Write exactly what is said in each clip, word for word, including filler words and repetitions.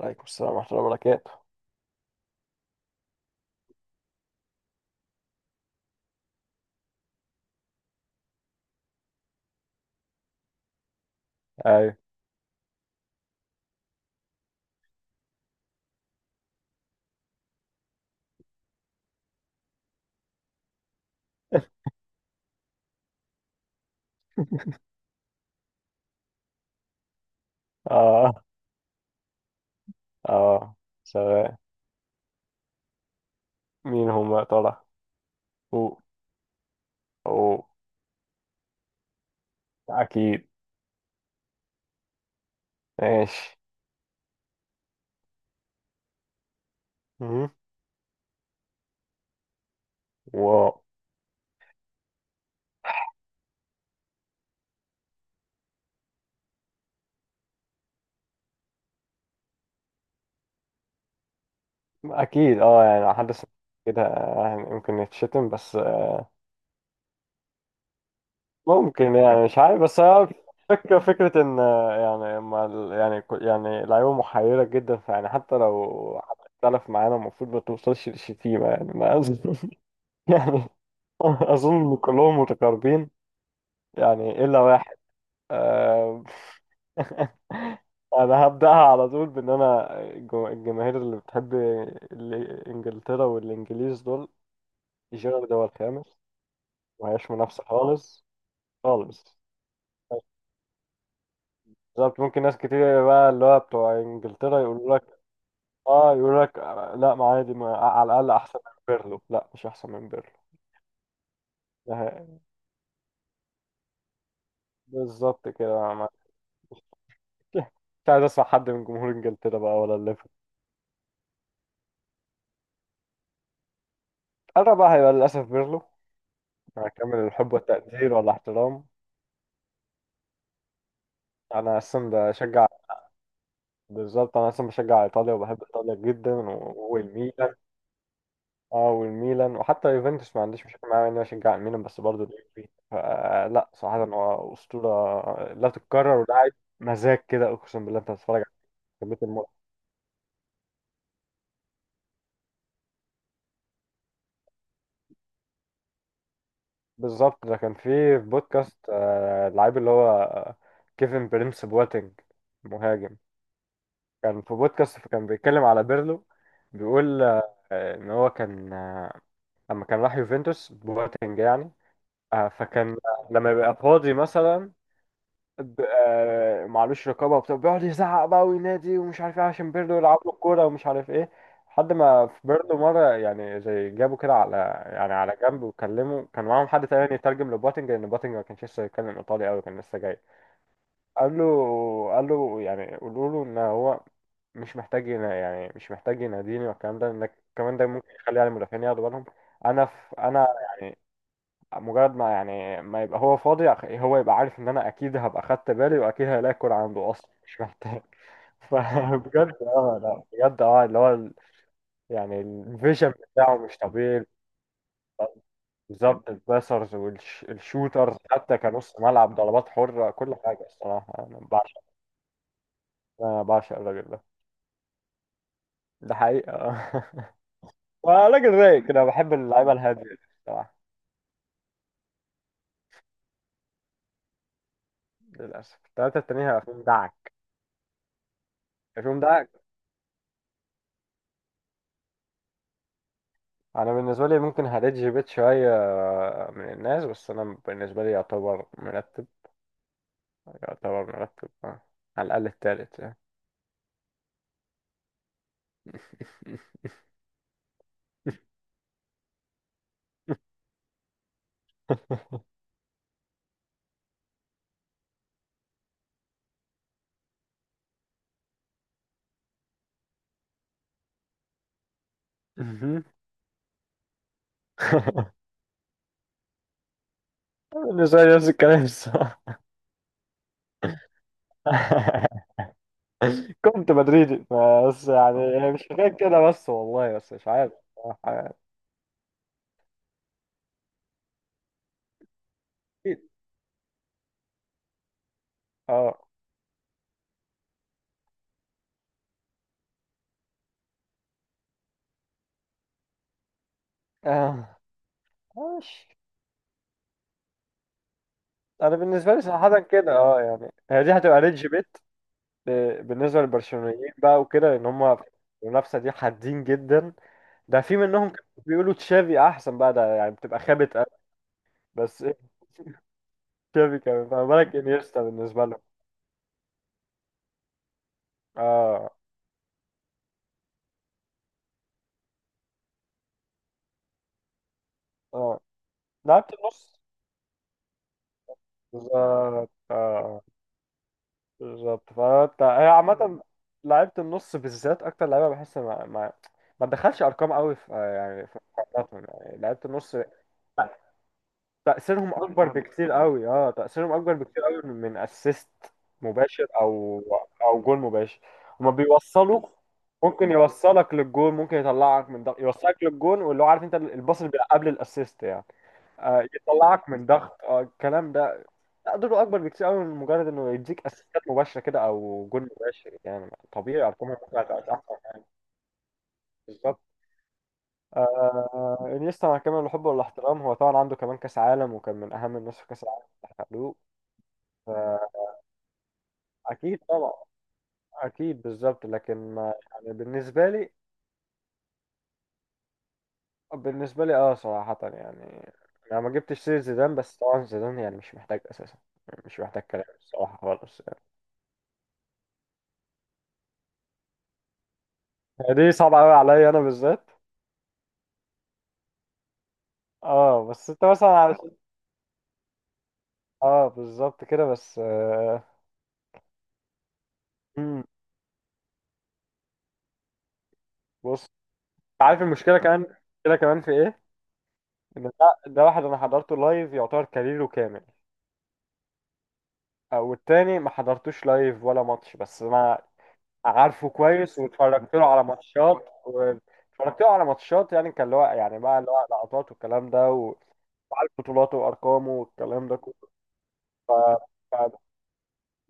عليكم السلام ورحمة الله وبركاته. ايوه. اه، اه. سلام. مين هم يا ترى؟ أو، أو. أكيد. ماشي. مهم. واو. أكيد، اه يعني لو حد سمع كده، يعني ممكن يتشتم، بس آه، ممكن، يعني مش عارف، بس هو فكرة فكرة إن آه، يعني ما ال- يعني كو- يعني لعيبة محيرة جدا، فيعني حتى لو حد اختلف معانا المفروض ما توصلش للشتيمة، يعني ما أظن. يعني أظن إن كلهم متقاربين، يعني إلا واحد. آه، انا هبداها على طول بان انا الجو- الجماهير اللي بتحب ال- انجلترا والانجليز دول، جيرارد هو الخامس. مهياش منافسه خالص. خالص. بالظبط، ممكن ناس كتير بقى اللي هو بتوع انجلترا يقولوا لك اه، يقولوا لك آه، لا ما عادي، ما على الاقل احسن من بيرلو. لا، مش احسن من بيرلو. ده- بالظبط كده. ما- مش عايز اسمع حد من جمهور انجلترا بقى، ولا الليفر. انا بقى هيبقى للاسف بيرلو، هكمل الحب والتقدير والاحترام. انا اصلا بشجع، بالظبط انا اصلا بشجع ايطاليا، وبحب ايطاليا جدا و- والميلان. اه، والميلان، وحتى يوفنتوس ما عنديش مشكله معاه اني بشجع الميلان، بس برضه اليوفي فلا صراحه هو اسطوره لا تتكرر، ولاعب مزاج كده. اقسم بالله انت بتتفرج على كميه المتعه. بالظبط، ده كان في بودكاست، آه، اللعيب اللي هو آه، كيفن بريمس بواتينج، مهاجم. كان في بودكاست فكان بيتكلم على بيرلو، بيقول آه، ان هو كان آه، لما كان راح يوفنتوس بواتينج يعني، آه، فكان لما يبقى فاضي مثلا ب- آه، معلوش، رقابه وبتاع، بيقعد يزعق بقى وينادي ومش عارف ايه، عشان بيرلو يلعب له الكوره ومش عارف ايه، لحد ما في بيرلو مره يعني زي جابه كده على، يعني على جنب، وكلمه. كان معاهم حد تاني يترجم لبوتنج، لان بوتنج ما كانش لسه يتكلم ايطالي قوي، كان لسه جاي. قال له، قال له يعني قولوا له ان هو مش محتاج ينا- يعني مش محتاج يناديني والكلام ده، انك كمان ده ممكن يخلي يعني المدافعين ياخدوا بالهم انا في. انا يعني مجرد ما يعني ما يبقى هو فاضي، هو يبقى عارف ان انا اكيد هبقى خدت بالي، واكيد هلاقي عنده، اصلا مش محتاج. فبجد اه، لا بجد اه اللي هو ال- يعني الفيجن بتاعه مش طبيعي. بالظبط، الباسرز والشوترز، حتى كنص ملعب، ضربات حرة، كل حاجة. الصراحة أنا بعشق، أنا بعشق الراجل ده. ده حقيقة. آه. راجل رايق كده، بحب اللعيبة الهادية دي الصراحة. للأسف التلاتة التانيين هيبقى فيهم دعك. هيبقى فيهم دعك. انا بالنسبه لي ممكن هديت جيبيت شويه من الناس، بس انا بالنسبه لي يعتبر مرتب. يعتبر مرتب آه. على الاقل التالت يعني. مهم. بالنسبه لي نفس الكلام الصراحه. كنت مدريدي، بس يعني مش حكايه كده، بس والله، بس مش عارف صراحة يعني. اكيد. اه. آه. ماشي. انا بالنسبه لي صراحه كده اه، يعني هي دي هتبقى ريدج بالنسبة للبرشلونيين بقى، وكده ان هم في المنافسة دي حادين جدا. ده في منهم كانوا بيقولوا تشافي احسن بقى، ده يعني بتبقى خابت قوي. بس ايه، تشافي كمان، فما بالك انيستا بالنسبة لهم. اه، اه، لعبت النص. بالظبط اه، بالظبط، فانت هي عامة لعبت النص بالذات، اكتر لعيبة بحس ما ما ما تدخلش ارقام قوي في، يعني في مقارناتهم، يعني لعبت النص تأثيرهم أكبر بكتير قوي. اه، تأثيرهم أكبر بكتير قوي من من أسيست مباشر، أو أو جول مباشر. هما بيوصلوا، ممكن يوصلك للجول، ممكن يطلعك من ضغط يوصلك للجول، واللي هو عارف انت الباص اللي بيبقى قبل الأسيست يعني، آه يطلعك من ضغط، آه الكلام ده تقدره أكبر بكتير قوي من مجرد إنه يديك أسيستات مباشرة كده، أو جول مباشر. يعني طبيعي أرقامهم ممكن هتبقى أحسن يعني. بالظبط. آه انيستا مع كامل الحب والاحترام، هو طبعا عنده كمان كاس عالم، وكان من اهم الناس في كاس العالم اللي حققوه. اكيد طبعا. اكيد بالظبط، لكن ما يعني بالنسبه لي. بالنسبه لي اه صراحه يعني انا ما جبتش سير زيدان، بس طبعا زيدان يعني مش محتاج اساسا، يعني مش محتاج كلام الصراحه خالص. يعني دي صعبه قوي عليا انا بالذات. اه، بس انت مثلا علشان اه، بالظبط كده، بس آه. مم. بص، عارف المشكله كمان، المشكله كمان في ايه، ان ده، ده واحد انا حضرته لايف، يعتبر كاريره كامل، او التاني ما حضرتوش لايف ولا ماتش، بس انا عارفه كويس، واتفرجت له على ماتشات، واتفرجت له على ماتشات يعني كان اللي هو يعني بقى اللي هو لقطات والكلام ده و- وعارف بطولاته وارقامه والكلام ده كله.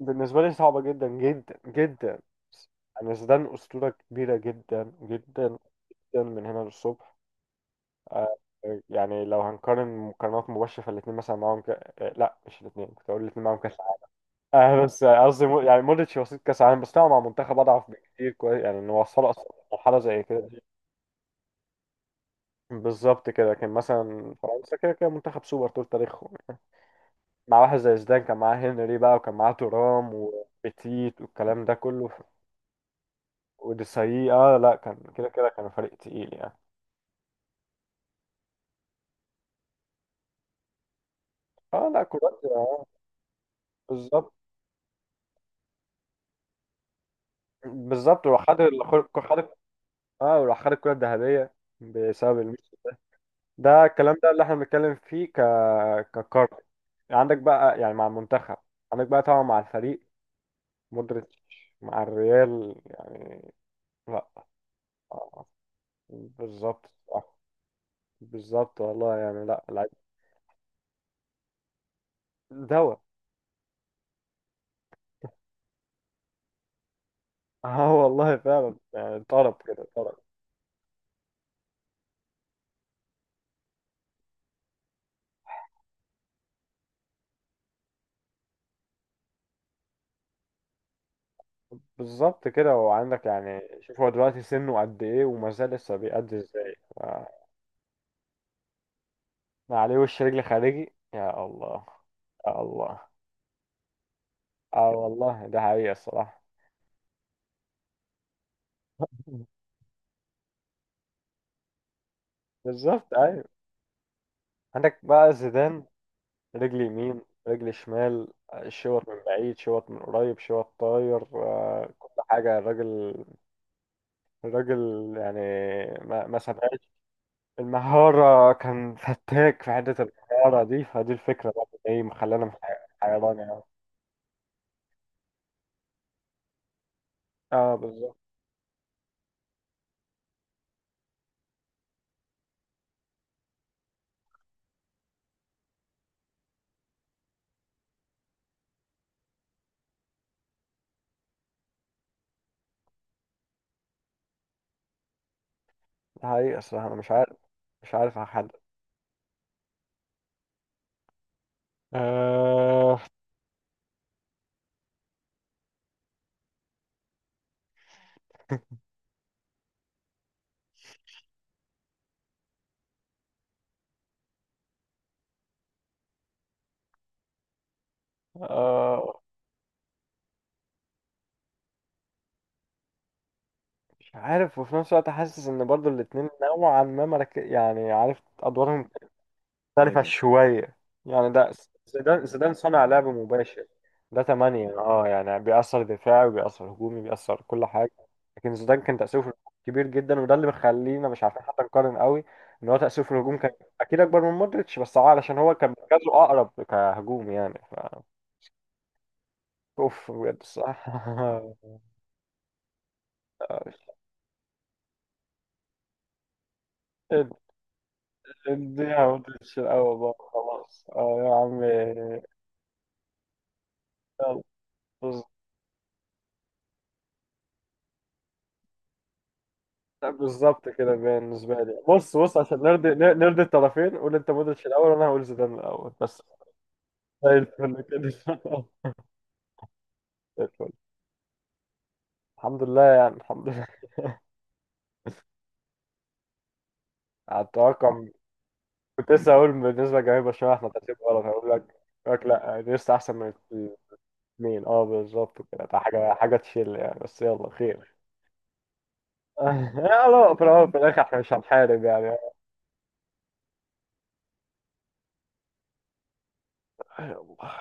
بالنسبه لي صعبه جدا جدا جدا. يعني زيدان اسطوره كبيره جدا جدا جدا، من هنا للصبح. آه، يعني لو هنقارن مقارنات مباشره، فالاثنين مثلا معاهم ك... آه، لا مش الاثنين. كنت اقول الاثنين معاهم كاس عالم آه، بس آه، قصدي مو- يعني مودريتش وسيط كاس عالم، بس طبعا مع منتخب اضعف بكتير كويس، يعني انه وصله اصلا مرحله زي كده. بالظبط كده، كان مثلا فرنسا كده كده منتخب سوبر طول تاريخهم يعني، مع واحد زي زيدان، كان معاه هنري بقى، وكان معاه تورام وبيتيت والكلام ده كله ف- وديساي. اه، لا كان كده كده كان فريق تقيل يعني. اه، لا كرواتيا آه، بالظبط. بالظبط، وراح خد ال- خد خد- اه وراح خد الكرة الذهبية بسبب الميسي ده. ده الكلام ده اللي احنا بنتكلم فيه ك ككارت عندك بقى يعني مع المنتخب. عندك بقى طبعا مع الفريق مودريتش، مع الريال يعني. لا، آه، بالظبط صح. بالظبط والله يعني. لا، العيب دواء. اه والله فعلا يعني طرب كده، طرب. بالظبط كده، وعندك يعني شوف، هو دلوقتي سنه قد ايه وما زال لسه بيأدي ازاي ف- ما عليه، وش رجل خارجي، يا الله. يا الله. اه والله، ده حقيقة الصراحة. بالظبط، ايوه. عندك بقى زيدان، رجل يمين، رجل شمال، شوط من بعيد، شوط من قريب، شوط طاير، آه، كل حاجة. الراجل، الراجل يعني، ما ما سابهاش المهارة، كان فتاك في حتة المهارة دي، فدي الفكرة بقى ايه مخلانا مح- حيران يعني. اه، بالظبط. ده حقيقة الصراحة، انا مش عارف، مش عارف احدد. آه. آه. مش عارف، وفي نفس الوقت حاسس ان برضو الاتنين نوعا ما مرك... يعني عارف ادوارهم مختلفة يعني شوية. يعني ده، زيدان، زيدان صنع لعب مباشر، ده تمانية اه، يعني بيأثر دفاعي وبيأثر هجومي، بيأثر كل حاجة. لكن زيدان كان تأثيره في الهجوم كبير جدا، وده اللي مخلينا مش عارفين حتى نقارن قوي، ان هو تأثيره في الهجوم كان اكيد اكبر من مودريتش، بس اه علشان هو كان مركزه اقرب كهجوم يعني ف اوف، بجد صح. اد- اديها مودريتش الاول بقى خلاص، اه يا عم. يلا. بالظبط كده، بالنسبة لي بص، بص، عشان نرضي نرضي الطرفين، قول انت مودريتش الأول، وأنا هقول زيدان الأول، بس زي الفل كده. زي الفل. الحمد لله يعني. الحمد لله على التوقع. كنت لسه هقول بالنسبة لجماهير برشلونة احنا ترتيب غلط، هقول لك، هقول لك لا، دي لسه أحسن من الاثنين اه، بالظبط كده، ده حاجة حاجة تشيل يعني، بس يلا خير. يلا في الأول وفي الآخر احنا مش هنحارب يعني.